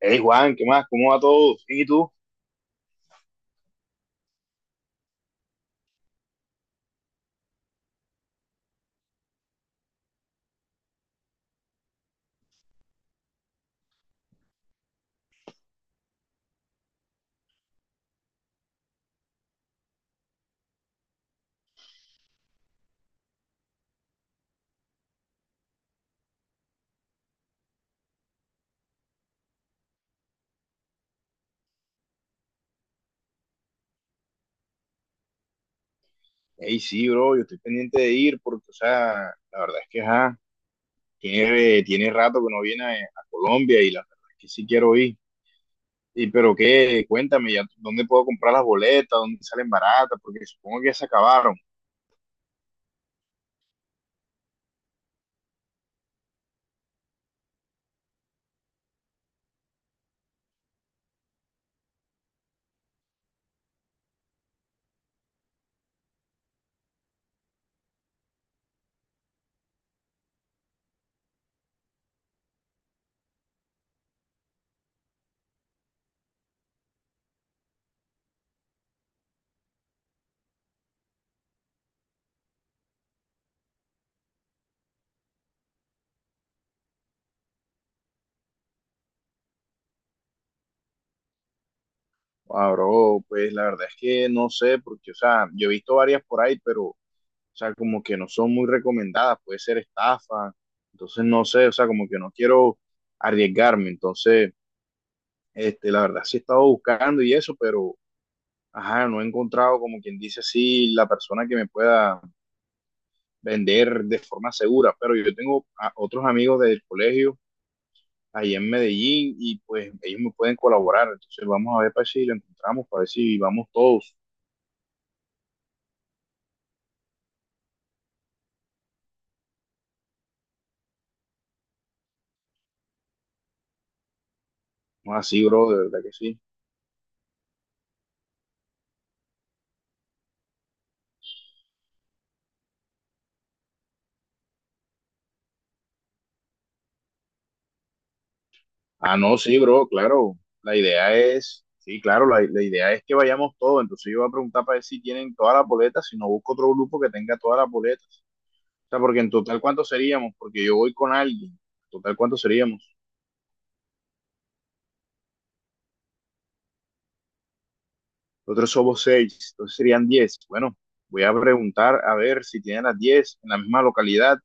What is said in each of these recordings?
Hey Juan, ¿qué más? ¿Cómo va todo? Bien, ¿y tú? Hey, sí, bro, yo estoy pendiente de ir porque, o sea, la verdad es que, ajá, tiene rato que no viene a Colombia y la verdad es que sí quiero ir. Y, pero qué, cuéntame, ya, ¿dónde puedo comprar las boletas? ¿Dónde salen baratas? Porque supongo que ya se acabaron. Ah, bro, pues la verdad es que no sé, porque, o sea, yo he visto varias por ahí, pero, o sea, como que no son muy recomendadas, puede ser estafa. Entonces, no sé, o sea, como que no quiero arriesgarme. Entonces... la verdad sí he estado buscando y eso, pero ajá, no he encontrado, como quien dice así, la persona que me pueda vender de forma segura. Pero yo tengo a otros amigos del colegio ahí en Medellín y pues ellos me pueden colaborar. Entonces vamos a ver para si lo encontramos, para ver si vamos todos. No así, bro, de verdad que sí. Ah, no, sí, bro, claro. La idea es, sí, claro, la idea es que vayamos todos. Entonces yo voy a preguntar para ver si tienen todas las boletas, si no busco otro grupo que tenga todas las boletas. O sea, porque en total, ¿cuántos seríamos? Porque yo voy con alguien. En total, ¿cuántos seríamos? Nosotros somos 6, entonces serían 10. Bueno, voy a preguntar a ver si tienen las 10 en la misma localidad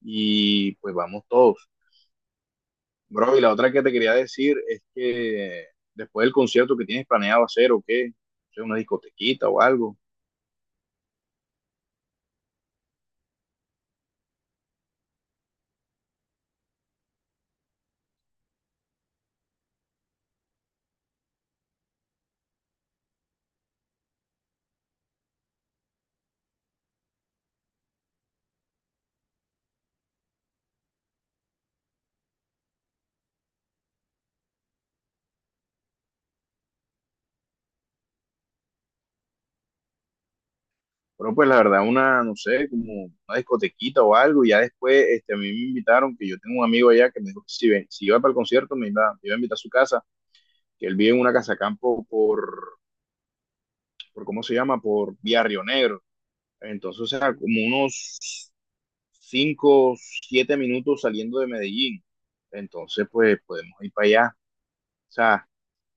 y pues vamos todos. Bro, y la otra que te quería decir es que después del concierto que tienes planeado hacer o qué, o sea, una discotequita o algo. Pero pues la verdad, una, no sé, como una discotequita o algo. Y ya después, a mí me invitaron, que yo tengo un amigo allá que me dijo que si, ven, si iba para el concierto, me iba a invitar a su casa. Que él vive en una casa campo por ¿cómo se llama? Por Vía Río Negro. Entonces, o sea, como unos 5 a 7 minutos saliendo de Medellín. Entonces, pues podemos ir para allá. O sea,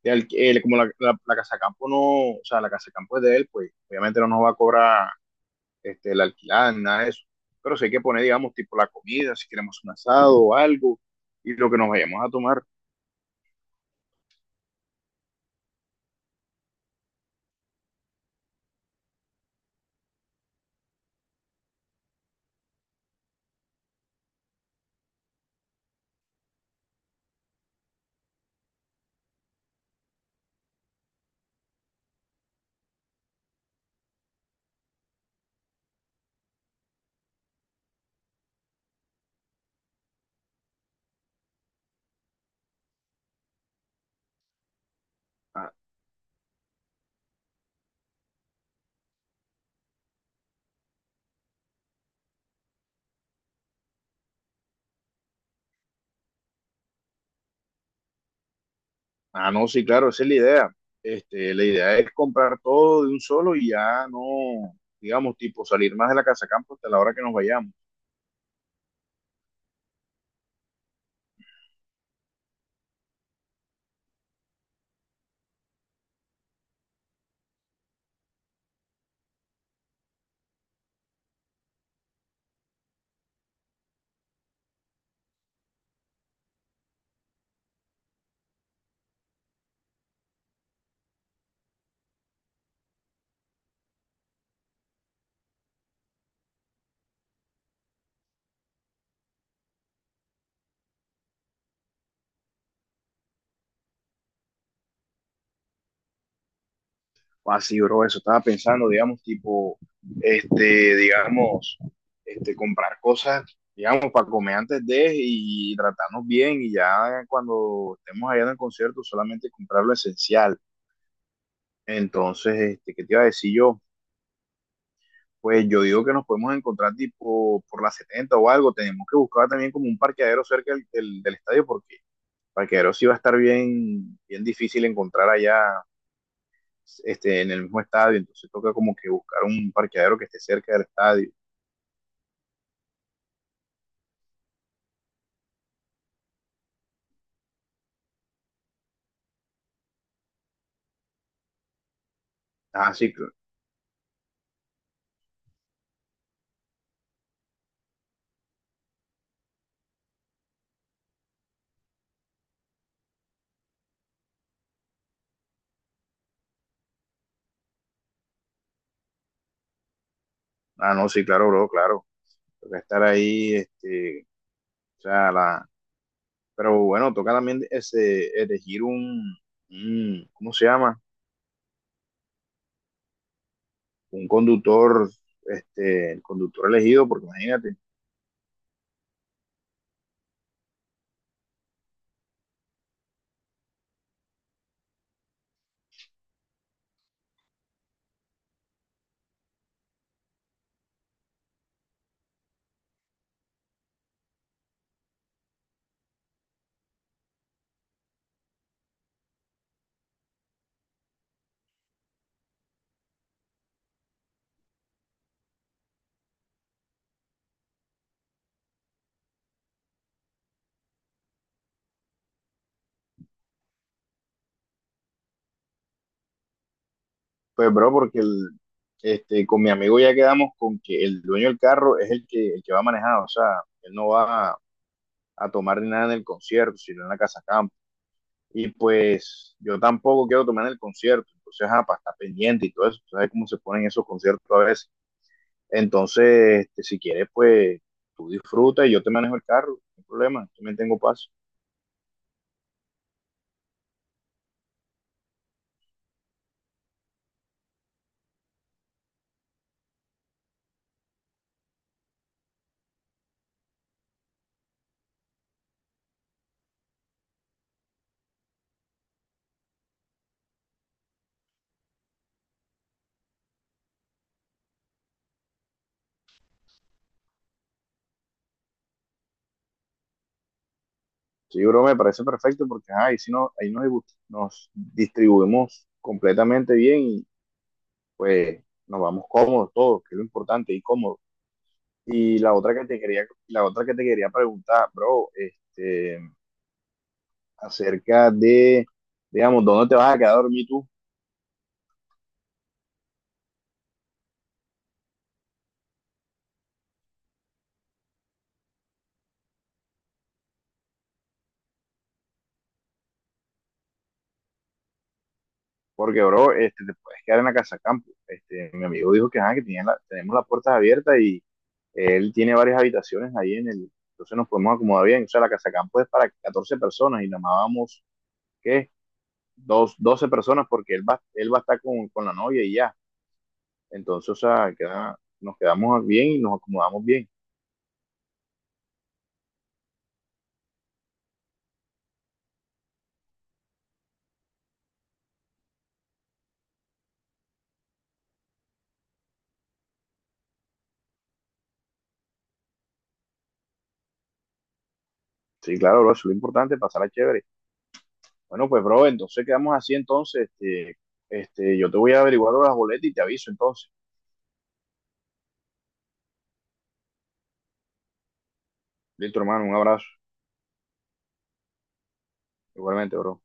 como la casa campo no, o sea, la casa campo es de él, pues obviamente no nos va a cobrar la alquilada ni nada de eso. Pero sí hay que poner, digamos, tipo la comida, si queremos un asado o algo, y lo que nos vayamos a tomar. Ah, no, sí, claro, esa es la idea. La idea es comprar todo de un solo y ya no, digamos, tipo, salir más de la casa campo hasta la hora que nos vayamos. Así, bro, eso estaba pensando, digamos, tipo, este, digamos, comprar cosas, digamos, para comer antes de y tratarnos bien y ya cuando estemos allá en el concierto solamente comprar lo esencial. Entonces, ¿qué te iba a decir yo? Pues yo digo que nos podemos encontrar tipo por la 70 o algo. Tenemos que buscar también como un parqueadero cerca del estadio porque parqueadero sí va a estar bien, bien difícil encontrar allá en el mismo estadio. Entonces toca como que buscar un parqueadero que esté cerca del estadio. Ah, sí, cl- ah, no, sí, claro, bro, claro. Toca estar ahí, o sea, pero bueno, toca también ese, elegir ¿cómo se llama? Un conductor, el conductor elegido, porque imagínate. Pues, bro, porque con mi amigo ya quedamos con que el dueño del carro es el que va a manejar, o sea, él no va a tomar ni nada en el concierto, sino en la casa campo. Y pues yo tampoco quiero tomar en el concierto, entonces, ajá, para estar pendiente y todo eso, tú sabes cómo se ponen esos conciertos a veces. Entonces, si quieres, pues tú disfruta y yo te manejo el carro, no hay problema, yo me tengo paso. Sí, bro, me parece perfecto porque ajá, ahí, sí no, nos distribuimos completamente bien, pues nos vamos cómodos todos, que es lo importante, y cómodos. Y la otra que te quería preguntar, bro, acerca de, digamos, ¿dónde te vas a quedar a dormir tú? Porque, bro, te puedes quedar en la casa campo. Mi amigo dijo que, ah, que tenemos las puertas abiertas y él tiene varias habitaciones ahí en el, entonces nos podemos acomodar bien. O sea, la casa campo es para 14 personas y nada más vamos, ¿qué? Dos, 12 personas porque él va a estar con la novia y ya. Entonces, o sea, nos quedamos bien y nos acomodamos bien. Sí, claro, bro, eso es lo importante, pasarla chévere. Bueno, pues, bro, entonces quedamos así, entonces, yo te voy a averiguar las boletas y te aviso, entonces. Listo, hermano, un abrazo. Igualmente, bro.